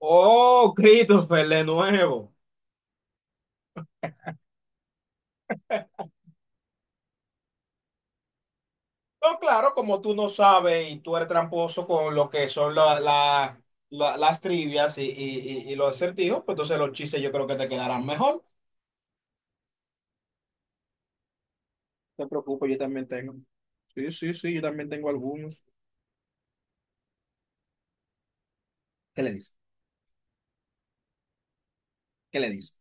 Oh, Christopher, de nuevo. No, claro, como tú no sabes y tú eres tramposo con lo que son las trivias y los acertijos, pues entonces los chistes yo creo que te quedarán mejor. No te preocupes, yo también tengo. Sí, sí, sí, yo también tengo algunos. ¿Qué le dice? ¿Qué le dice?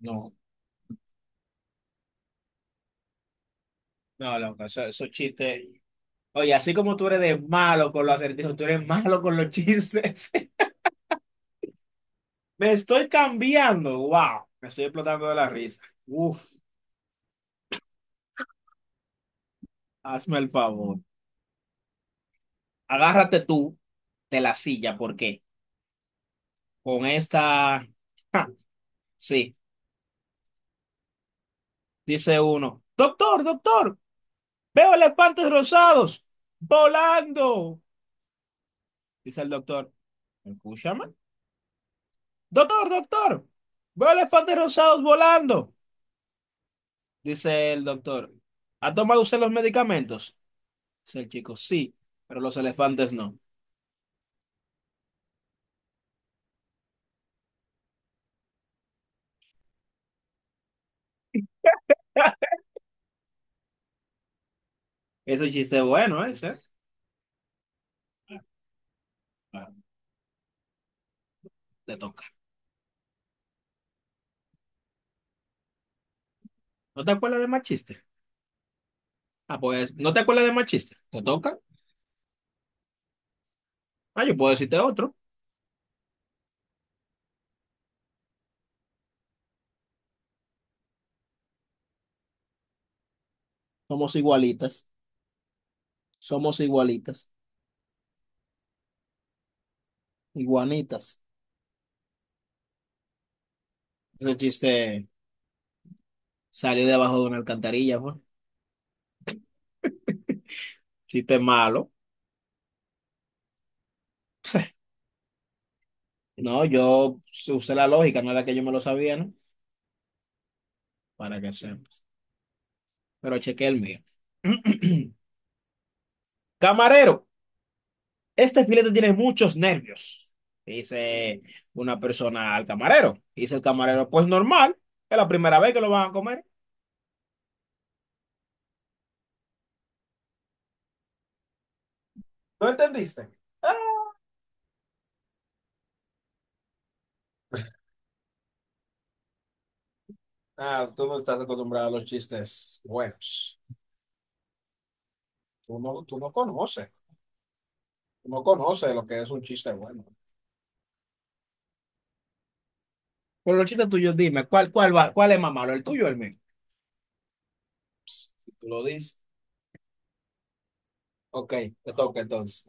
No, no, loco, esos chistes. Oye, así como tú eres de malo con los acertijos, tú eres malo con los chistes. Me estoy cambiando. Wow, me estoy explotando de la risa. Uf, hazme el favor. Agárrate tú de la silla porque con esta... Ja, sí, dice uno. Doctor, doctor, veo elefantes rosados volando. Dice el doctor. Escúchame. Doctor, doctor, veo elefantes rosados volando. Dice el doctor. ¿Ha tomado usted los medicamentos? Dice el chico. Sí, pero los elefantes no. Ese es un chiste bueno, ¿eh? Ese. Ah, te toca. ¿No te acuerdas de más chiste? Ah, pues, ¿no te acuerdas de más chiste? ¿Te toca? Ah, yo puedo decirte otro. Somos igualitas, somos igualitas, iguanitas. Ese chiste salió debajo de una alcantarilla, fue. Chiste malo. No, yo usé la lógica, no era que yo me lo sabía, ¿no? Para que sepas. Pero chequé el mío. Camarero, este filete tiene muchos nervios, dice una persona al camarero. Dice el camarero, pues normal, es la primera vez que lo van a comer. ¿No entendiste? Ah, ah, tú no estás acostumbrado a los chistes buenos. Tú no conoces. No conoce lo que es un chiste bueno. Por los chistes tuyos, dime, ¿cuál es más malo, el tuyo o el mío? Psst, tú lo dices. Ok, te toca entonces.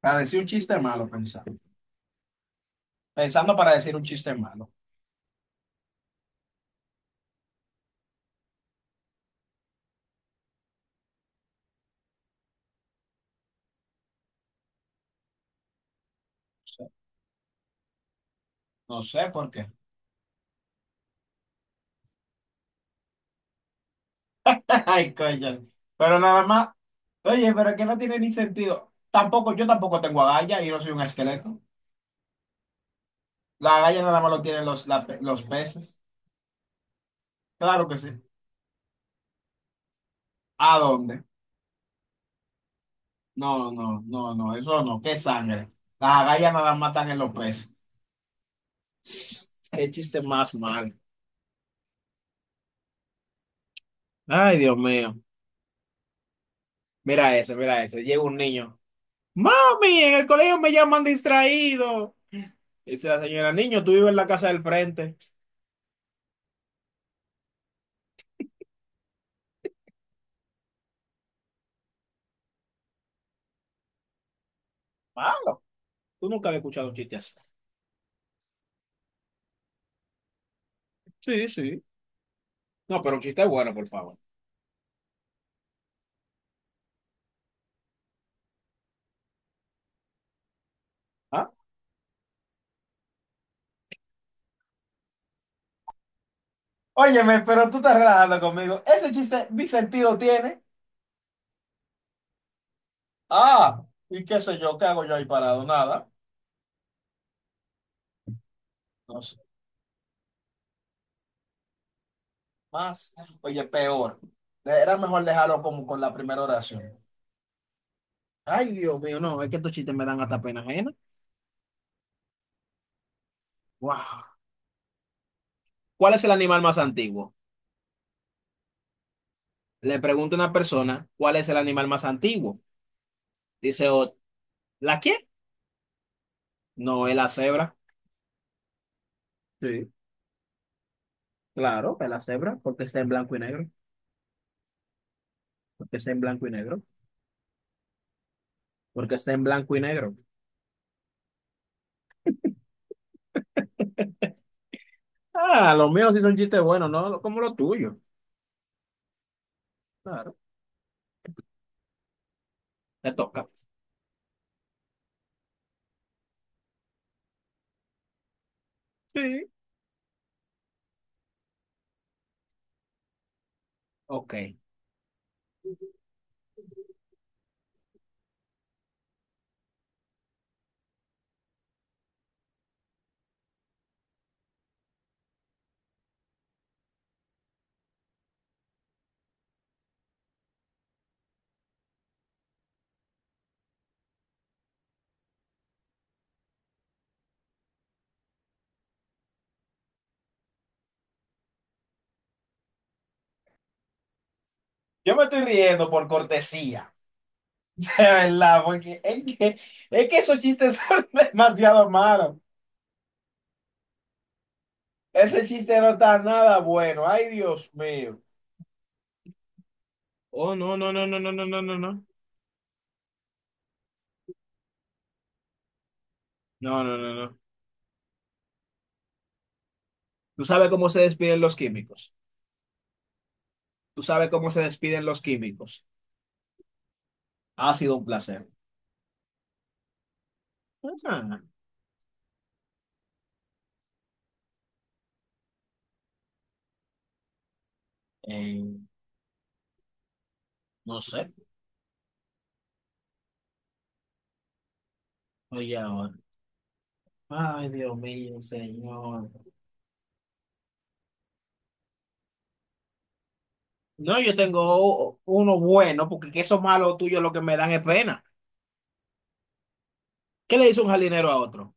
Para decir un chiste malo, pensando. Pensando para decir un chiste malo. No sé, no sé por qué. Ay, coño. Pero nada más. Oye, pero es que no tiene ni sentido. Tampoco, yo tampoco tengo agallas y no soy un esqueleto. La agalla nada más lo tienen los peces. Claro que sí. ¿A dónde? No, eso no. ¿Qué sangre? Las agallas nada más están en los peces. Qué chiste más mal. Ay, Dios mío. Mira ese. Llega un niño. Mami, en el colegio me llaman distraído. Dice la señora, niño, tú vives en la casa del frente. Malo. Tú nunca habías escuchado un chiste así. Sí, sí. No, pero un chiste bueno, por favor. ¿Ah? Óyeme, pero tú estás relajando conmigo. Ese chiste, mi sentido tiene. Ah, y qué sé yo, ¿qué hago yo ahí parado? Nada. No sé, más. Oye, peor. Era mejor dejarlo como con la primera oración. Ay, Dios mío, no, es que estos chistes me dan hasta pena ajena. Wow. ¿Cuál es el animal más antiguo? Le pregunta una persona, ¿cuál es el animal más antiguo? Dice, "Oh, ¿la qué? No, es la cebra. Sí, claro, es la cebra, porque está en blanco y negro, porque está en blanco y negro, porque está en blanco y negro. Ah, los míos sí son chistes buenos, ¿no? Como los tuyos. Claro, te toca. Sí. Ok. Yo me estoy riendo por cortesía, de verdad, es que esos chistes son demasiado malos. Ese chiste no está nada bueno. Ay, Dios mío. Oh, no, no, no, no, no, no, no, no, no. No, no, no, no. Tú sabes cómo se despiden los químicos. Tú sabes cómo se despiden los químicos. Ha sido un placer. Ajá. Eh, no sé. Oye, ahora. Ay, Dios mío, señor. No, yo tengo uno bueno, porque que esos malos tuyos lo que me dan es pena. ¿Qué le dice un jardinero a otro?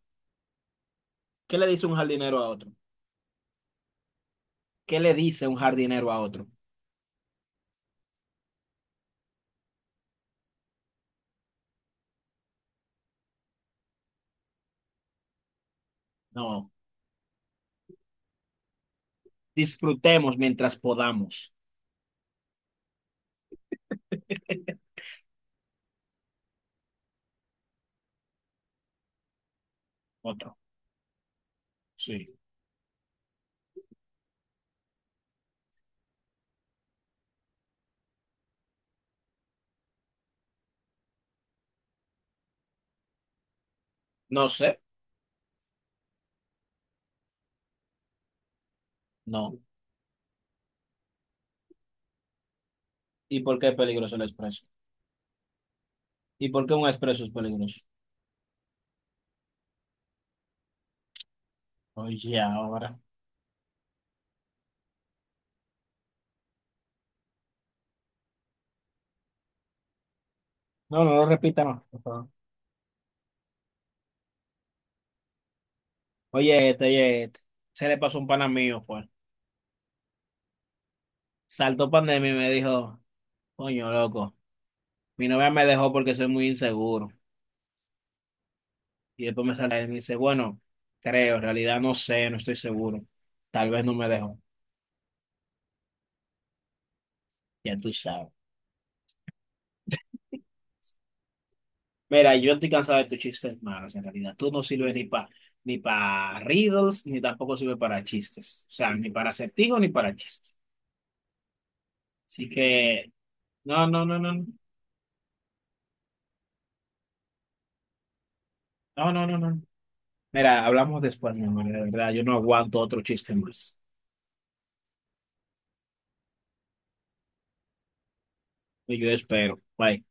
¿Qué le dice un jardinero a otro? ¿Qué le dice un jardinero a otro? No, disfrutemos mientras podamos. Otro. Sí. No sé, no. ¿Y por qué es peligroso el expreso? ¿Y por qué un expreso es peligroso? Oye, ahora. No, no lo repita más, por favor. Oye, este, oye, este. Se le pasó un pana mío, pues. Saltó pandemia y me dijo, coño, loco, mi novia me dejó porque soy muy inseguro. Y después me sale y me dice, bueno, creo, en realidad no sé, no estoy seguro. Tal vez no me dejó. Ya tú sabes. Mira, yo estoy cansado de tus chistes malos, en realidad. Tú no sirves ni para ni para riddles, ni tampoco sirves para chistes. O sea, ni para acertijos, ni para chistes. Así que, no, no, no, no, no, no, no, no. No. Mira, hablamos después, mi amor, de verdad. Yo no aguanto otro chiste más. Yo espero. Bye.